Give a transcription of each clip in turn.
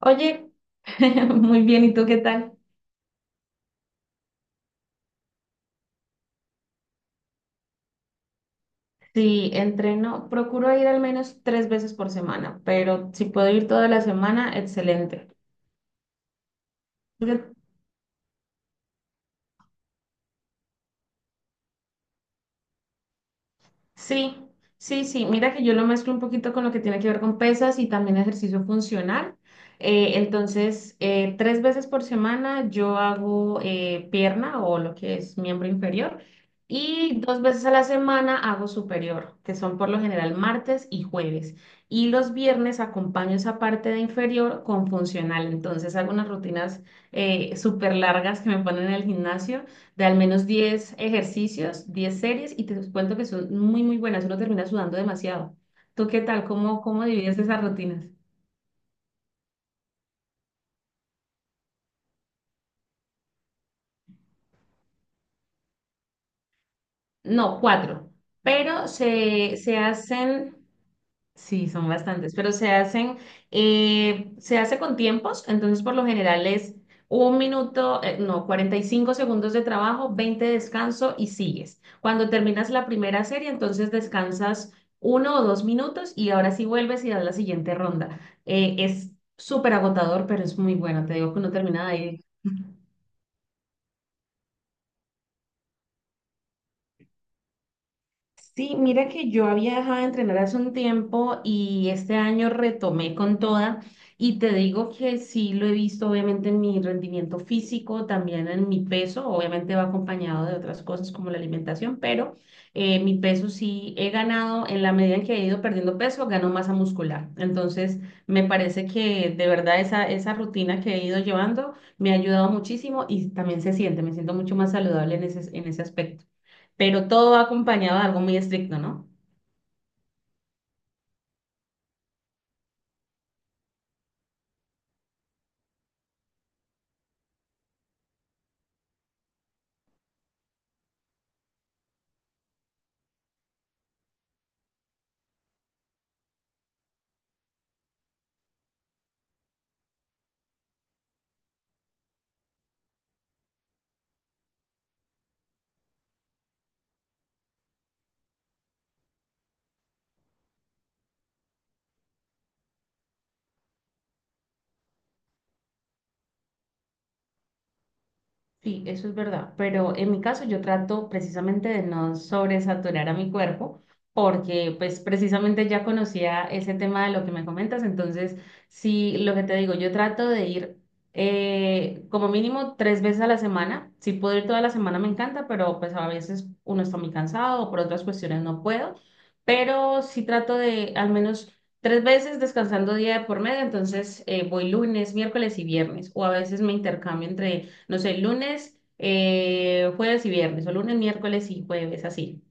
Oye, muy bien, ¿y tú qué tal? Sí, entreno, procuro ir al menos tres veces por semana, pero si puedo ir toda la semana, excelente. Sí, sí, sí. Mira que yo lo mezclo un poquito con lo que tiene que ver con pesas y también ejercicio funcional. Entonces, tres veces por semana yo hago pierna o lo que es miembro inferior y dos veces a la semana hago superior, que son por lo general martes y jueves. Y los viernes acompaño esa parte de inferior con funcional. Entonces, hago unas rutinas súper largas que me ponen en el gimnasio de al menos 10 ejercicios, 10 series, y te cuento que son muy, muy buenas. Uno termina sudando demasiado. ¿Tú qué tal? ¿Cómo divides esas rutinas? No, cuatro. Pero se hacen. Sí, son bastantes, pero se hacen, se hace con tiempos, entonces por lo general es un minuto, no, 45 segundos de trabajo, 20 de descanso y sigues. Cuando terminas la primera serie, entonces descansas uno o dos minutos y ahora sí vuelves y das la siguiente ronda. Es súper agotador, pero es muy bueno. Te digo que uno termina de ahí. Sí, mira que yo había dejado de entrenar hace un tiempo y este año retomé con toda, y te digo que sí lo he visto obviamente en mi rendimiento físico, también en mi peso. Obviamente va acompañado de otras cosas como la alimentación, pero mi peso sí he ganado. En la medida en que he ido perdiendo peso, gano masa muscular. Entonces me parece que de verdad esa rutina que he ido llevando me ha ayudado muchísimo, y también se siente, me siento mucho más saludable en ese aspecto, pero todo va acompañado de algo muy estricto, ¿no? Sí, eso es verdad, pero en mi caso yo trato precisamente de no sobresaturar a mi cuerpo, porque pues precisamente ya conocía ese tema de lo que me comentas. Entonces sí, lo que te digo, yo trato de ir como mínimo tres veces a la semana. Si puedo ir toda la semana me encanta, pero pues a veces uno está muy cansado o por otras cuestiones no puedo, pero sí trato de al menos tres veces descansando día de por medio. Entonces voy lunes, miércoles y viernes, o a veces me intercambio entre, no sé, lunes, jueves y viernes, o lunes, miércoles y jueves, así.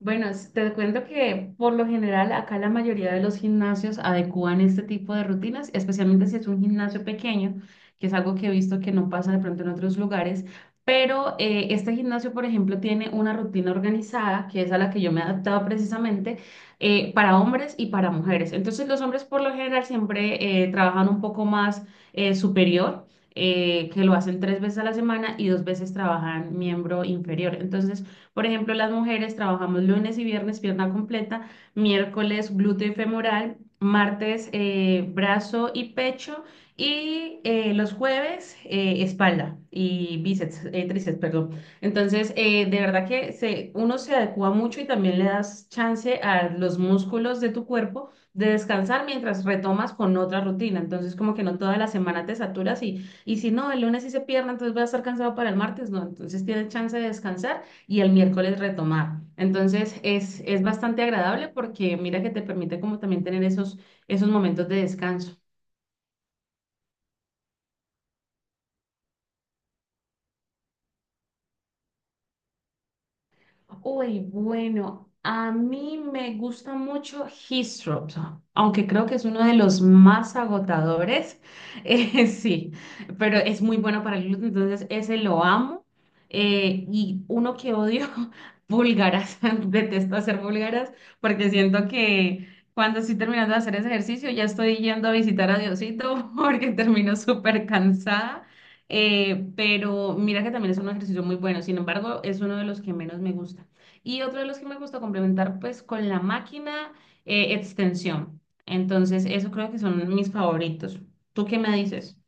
Bueno, te cuento que por lo general acá la mayoría de los gimnasios adecúan este tipo de rutinas, especialmente si es un gimnasio pequeño, que es algo que he visto que no pasa de pronto en otros lugares, pero este gimnasio, por ejemplo, tiene una rutina organizada, que es a la que yo me he adaptado precisamente, para hombres y para mujeres. Entonces los hombres por lo general siempre trabajan un poco más superior, que lo hacen tres veces a la semana, y dos veces trabajan miembro inferior. Entonces, por ejemplo, las mujeres trabajamos lunes y viernes pierna completa, miércoles glúteo y femoral, martes brazo y pecho, y los jueves espalda y bíceps, tríceps, perdón. Entonces, de verdad que uno se adecua mucho, y también le das chance a los músculos de tu cuerpo de descansar mientras retomas con otra rutina. Entonces, como que no toda la semana te saturas, y si no, el lunes sí se pierde, entonces voy a estar cansado para el martes, no. Entonces, tienes chance de descansar y el miércoles retomar. Entonces es bastante agradable porque mira que te permite como también tener esos, esos momentos de descanso. Uy, bueno, a mí me gusta mucho His, aunque creo que es uno de los más agotadores. Sí, pero es muy bueno para el gluten, entonces ese lo amo. Y uno que odio, búlgaras. Detesto hacer búlgaras porque siento que cuando estoy terminando de hacer ese ejercicio ya estoy yendo a visitar a Diosito porque termino súper cansada. Pero mira que también es un ejercicio muy bueno. Sin embargo, es uno de los que menos me gusta. Y otro de los que me gusta complementar, pues con la máquina, extensión. Entonces, eso creo que son mis favoritos. ¿Tú qué me dices?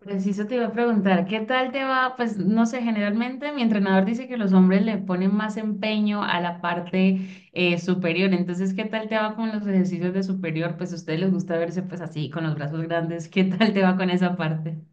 Preciso te iba a preguntar, ¿qué tal te va? Pues no sé, generalmente mi entrenador dice que los hombres le ponen más empeño a la parte superior. Entonces, ¿qué tal te va con los ejercicios de superior? Pues a ustedes les gusta verse pues así, con los brazos grandes. ¿Qué tal te va con esa parte?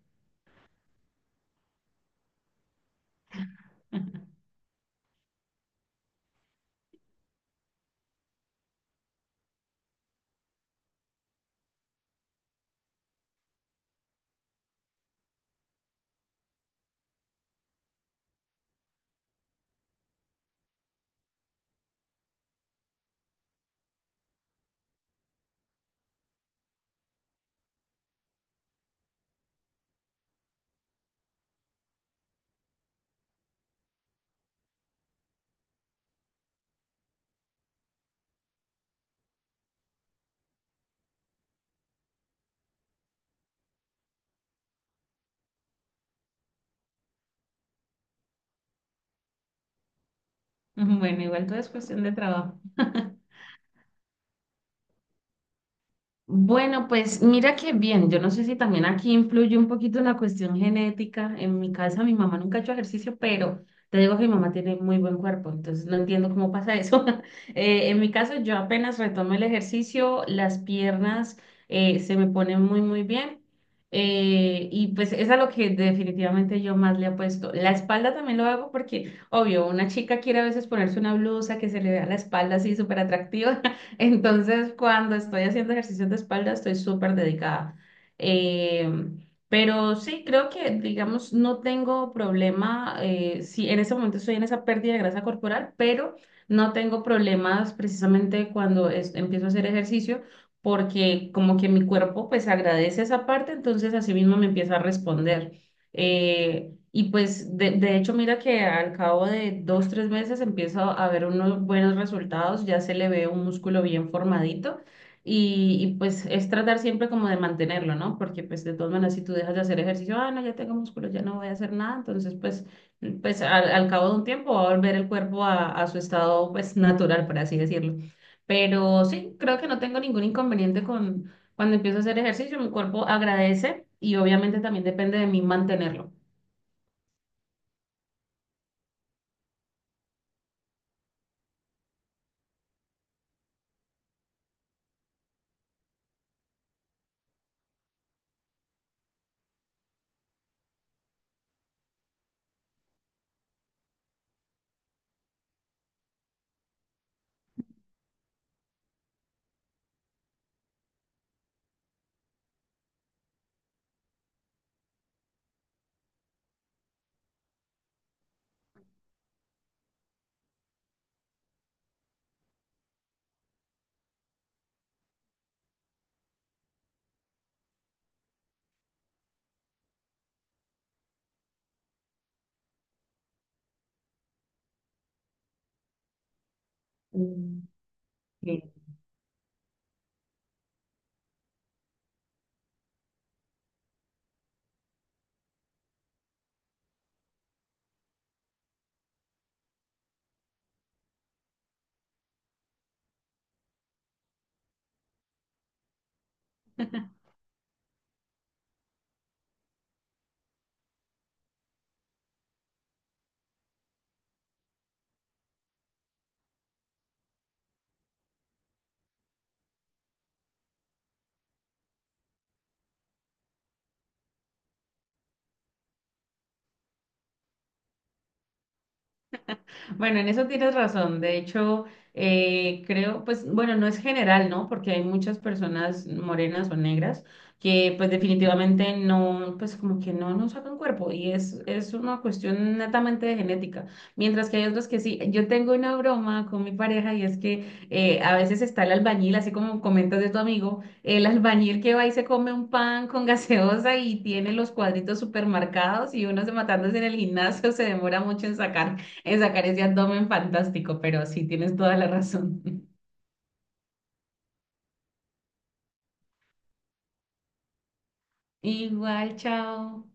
Bueno, igual todo es cuestión de trabajo. Bueno, pues mira que bien. Yo no sé si también aquí influye un poquito la cuestión genética. En mi casa mi mamá nunca ha hecho ejercicio, pero te digo que mi mamá tiene muy buen cuerpo, entonces no entiendo cómo pasa eso. En mi caso yo apenas retomo el ejercicio, las piernas se me ponen muy, muy bien, y pues es a lo que definitivamente yo más le apuesto. La espalda también lo hago porque, obvio, una chica quiere a veces ponerse una blusa que se le vea la espalda así súper atractiva. Entonces, cuando estoy haciendo ejercicios de espalda, estoy súper dedicada. Eh, pero sí, creo que, digamos, no tengo problema. Sí, en ese momento estoy en esa pérdida de grasa corporal, pero no tengo problemas precisamente cuando empiezo a hacer ejercicio, porque como que mi cuerpo pues agradece esa parte, entonces así mismo me empieza a responder. Y pues de hecho, mira que al cabo de dos, tres meses empieza a ver unos buenos resultados, ya se le ve un músculo bien formadito, y pues es tratar siempre como de mantenerlo, ¿no? Porque pues de todas maneras, si tú dejas de hacer ejercicio, ah, no, ya tengo músculo, ya no voy a hacer nada, entonces pues, al cabo de un tiempo va a volver el cuerpo a su estado pues natural, por así decirlo. Pero sí, creo que no tengo ningún inconveniente con cuando empiezo a hacer ejercicio, mi cuerpo agradece y obviamente también depende de mí mantenerlo. Mm, ok. Bueno, en eso tienes razón. De hecho, creo, pues, bueno, no es general, ¿no? Porque hay muchas personas morenas o negras que, pues, definitivamente no, pues, como que no, nos sacan cuerpo, y es, una cuestión netamente de genética. Mientras que hay otros que sí. Yo tengo una broma con mi pareja, y es que a veces está el albañil, así como comentas de tu amigo, el albañil que va y se come un pan con gaseosa y tiene los cuadritos supermercados, y uno se matándose en el gimnasio se demora mucho en sacar. Es sacar ese abdomen fantástico, pero sí tienes toda la razón. Igual, chao.